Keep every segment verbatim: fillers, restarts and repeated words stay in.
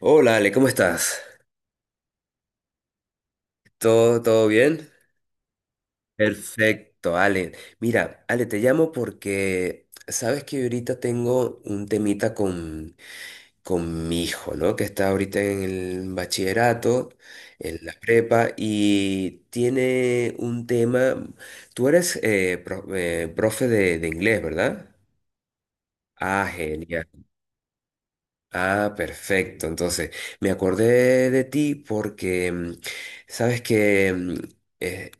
Hola Ale, ¿cómo estás? ¿Todo, todo bien? Perfecto, Ale. Mira, Ale, te llamo porque sabes que ahorita tengo un temita con, con mi hijo, ¿no? Que está ahorita en el bachillerato, en la prepa, y tiene un tema. Tú eres eh, pro- eh, profe de, de inglés, ¿verdad? Ah, genial. Ah, perfecto. Entonces, me acordé de ti porque mm, sabes que mm, eh,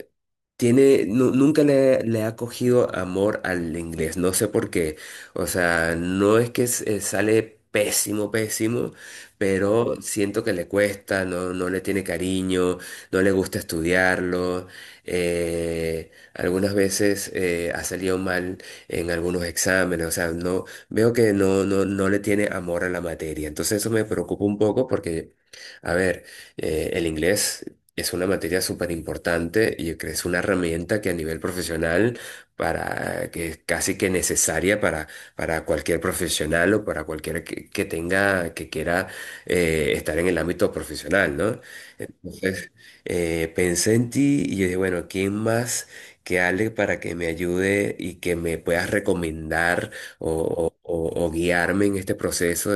tiene, nu- nunca le, le ha cogido amor al inglés, no sé por qué. O sea, no es que s- eh, sale pésimo, pésimo, pero siento que le cuesta, no, no le tiene cariño, no le gusta estudiarlo. Eh, algunas veces eh, ha salido mal en algunos exámenes, o sea, no, veo que no, no, no le tiene amor a la materia. Entonces eso me preocupa un poco porque, a ver, eh, el inglés. Es una materia súper importante y yo creo que es una herramienta que a nivel profesional para que es casi que necesaria para, para cualquier profesional o para cualquiera que, que tenga, que quiera eh, estar en el ámbito profesional, ¿no? Entonces, eh, pensé en ti y yo dije, bueno, ¿quién más que Ale para que me ayude y que me puedas recomendar o, o- o- o guiarme en este proceso?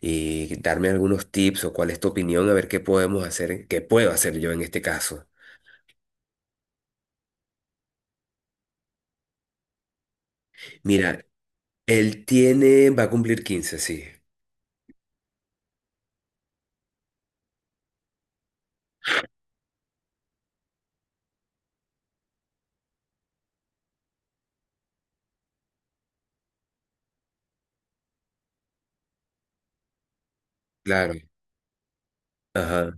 Y darme algunos tips o cuál es tu opinión, a ver qué podemos hacer, qué puedo hacer yo en este caso. Mira, él tiene, va a cumplir quince sí, claro. Ajá.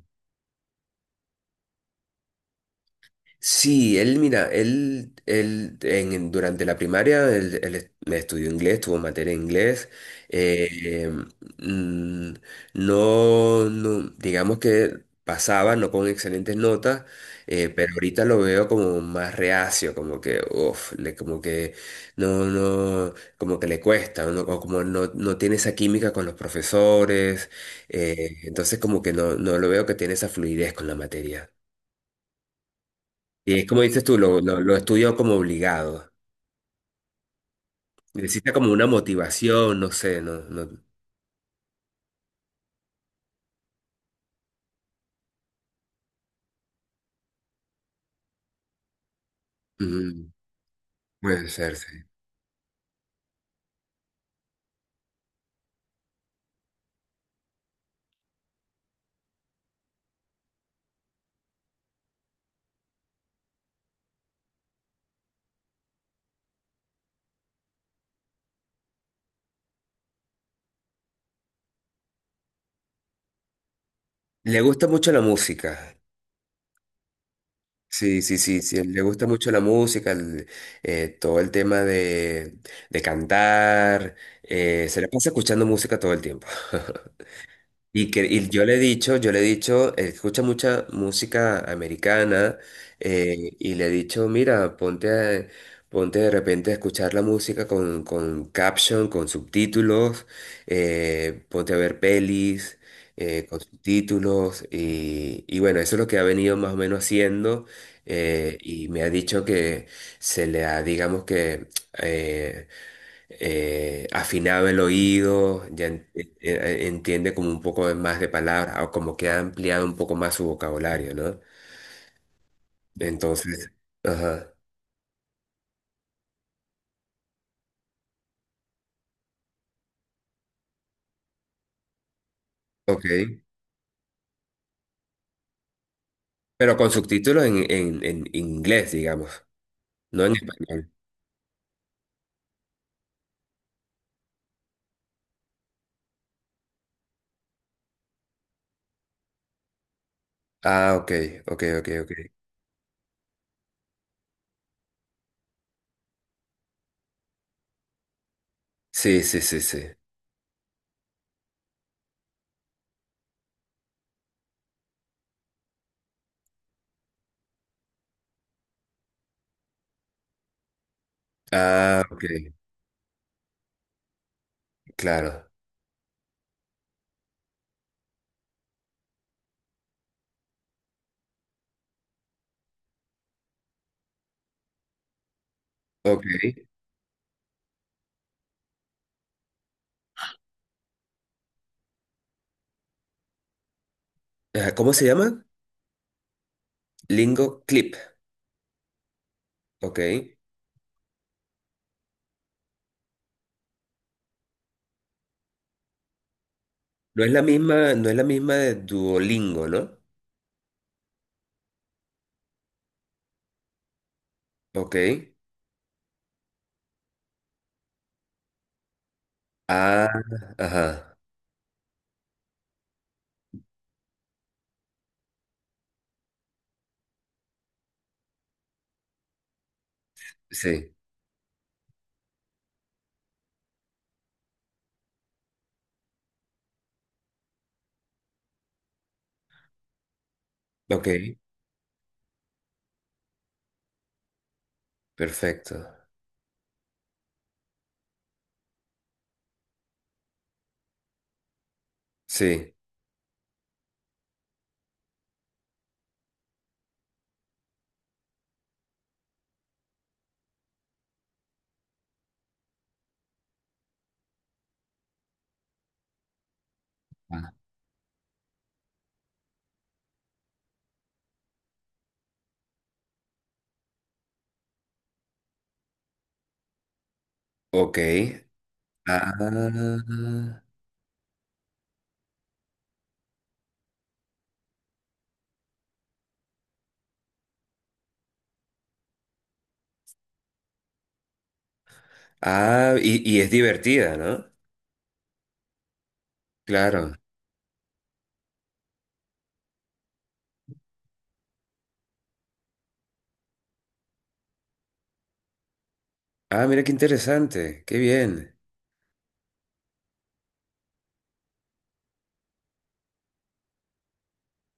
Sí, él, mira, él, él en, en- durante la primaria él, él est- estudió inglés, tuvo materia de inglés. eh, eh, mm, no, no, digamos que pasaba, no con excelentes notas, eh, pero ahorita lo veo como más reacio, como que, uff, le, como que no, no, como que le cuesta, ¿no? O como no, no tiene esa química con los profesores, eh, entonces como que no, no lo veo que tiene esa fluidez con la materia. Y es como dices tú, lo, lo, lo estudio como obligado. Necesita como una motivación, no sé, no, no. Ujú, puede ser, sí. Le gusta mucho la música. Sí, sí, sí, sí. Le gusta mucho la música, el- eh, todo el tema de, de cantar. Eh, se le pasa escuchando música todo el tiempo. Y, que, y yo le he dicho, yo le he dicho, él escucha mucha música americana eh, y le he dicho, mira, ponte, a- ponte de repente a escuchar la música con, con caption, con subtítulos, eh, ponte a ver pelis eh, con subtítulos y, y bueno, eso es lo que ha venido más o menos haciendo eh, y me ha dicho que se le ha, digamos que... eh, eh, afinado el oído, ya en- eh, eh, entiende como un poco más de palabras o como que ha ampliado un poco más su vocabulario, ¿no? Entonces, ajá, ok. Pero con subtítulos en, en, en inglés, digamos, no en español. Ah, ok, ok, ok, ok. Sí, sí, sí, sí. Ah, ok, claro. Ok. Ajá, ¿cómo se llama? Lingo Clip, ok. No es la misma, no es la misma de Duolingo, ¿no? Ok. Ah, ajá. Sí, ok, perfecto. Sí, ah, ok. Ah, ah, y, y es divertida, ¿no? Claro. Ah, mira qué interesante, qué bien.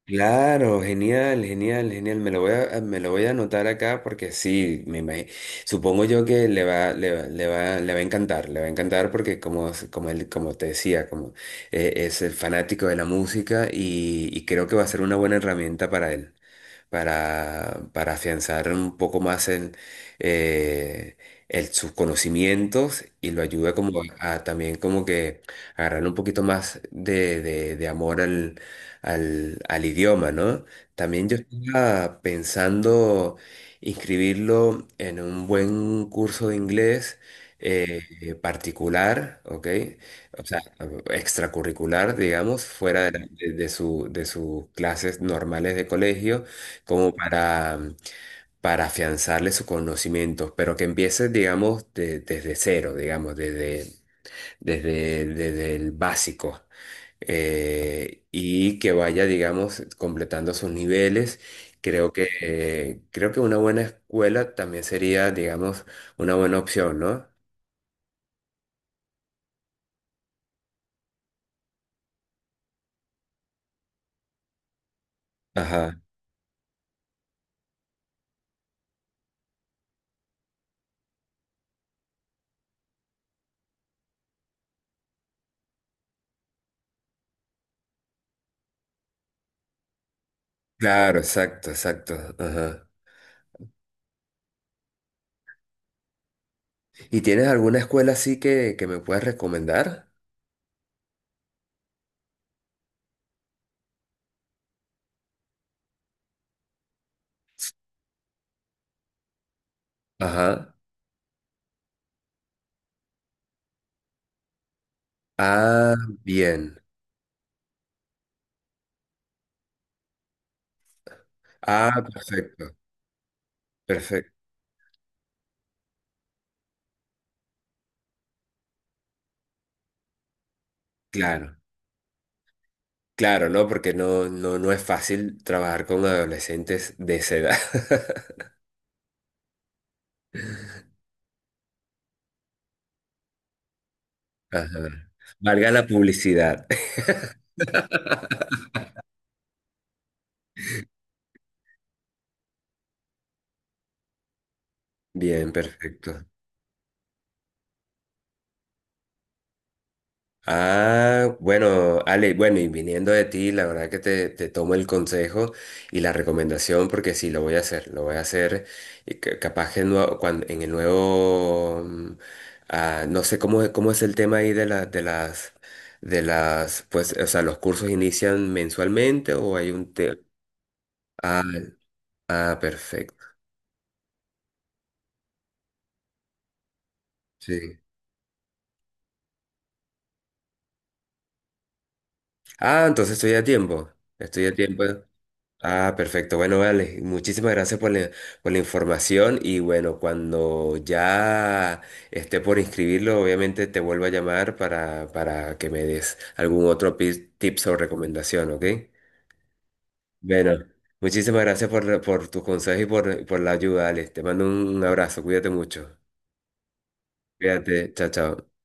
Claro, genial, genial, genial. Me lo voy a, me lo voy a anotar acá porque sí, me imagino. Supongo yo que le va, le va, le va, le va a encantar, le va a encantar porque como, como, él, como te decía, como eh, es el fanático de la música y, y creo que va a ser una buena herramienta para él. para, para afianzar un poco más el, eh, el- sus conocimientos y lo ayuda como a, a también como que agarrar un poquito más de, de- de amor al, al, al idioma, ¿no? También yo estaba pensando inscribirlo en un buen curso de inglés eh, eh, particular, ¿ok? O sea, extracurricular, digamos, fuera de, la- de- de su, de sus clases normales de colegio como para, para afianzarle sus conocimientos, pero que empiece, digamos, de- desde cero, digamos, desde, desde, desde el básico, eh, y que vaya, digamos, completando sus niveles. Creo que, eh, creo que una buena escuela también sería, digamos, una buena opción, ¿no? Ajá. Claro, exacto, exacto. Ajá. ¿Y tienes alguna escuela así que, que me puedas recomendar? Ajá. Ah, bien. Ah, perfecto. Perfecto, claro, claro, ¿no? Porque no, no, no es fácil trabajar con adolescentes de esa edad. Ajá. Valga la publicidad. Bien, perfecto. Ah, bueno, Ale, bueno, y viniendo de ti, la verdad que te, te tomo el consejo y la recomendación porque sí, lo voy a hacer, lo voy a hacer y ca- capaz que cuando, en el nuevo, mm, ah, no sé cómo, es- cómo es el tema ahí de la- de las, de las, pues, o sea, los cursos inician mensualmente o hay un tema. Ah, ah, perfecto. Sí. Ah, entonces estoy a tiempo, estoy a tiempo. Ah, perfecto. Bueno, vale. Muchísimas gracias por la, por la información y bueno, cuando ya esté por inscribirlo, obviamente te vuelvo a llamar para, para que me des algún otro pi- tips o recomendación, ¿ok? Bueno, muchísimas gracias por, por tus consejos y por, por la ayuda, Alex. Te mando un un abrazo. Cuídate mucho. Cuídate. Chao, chao.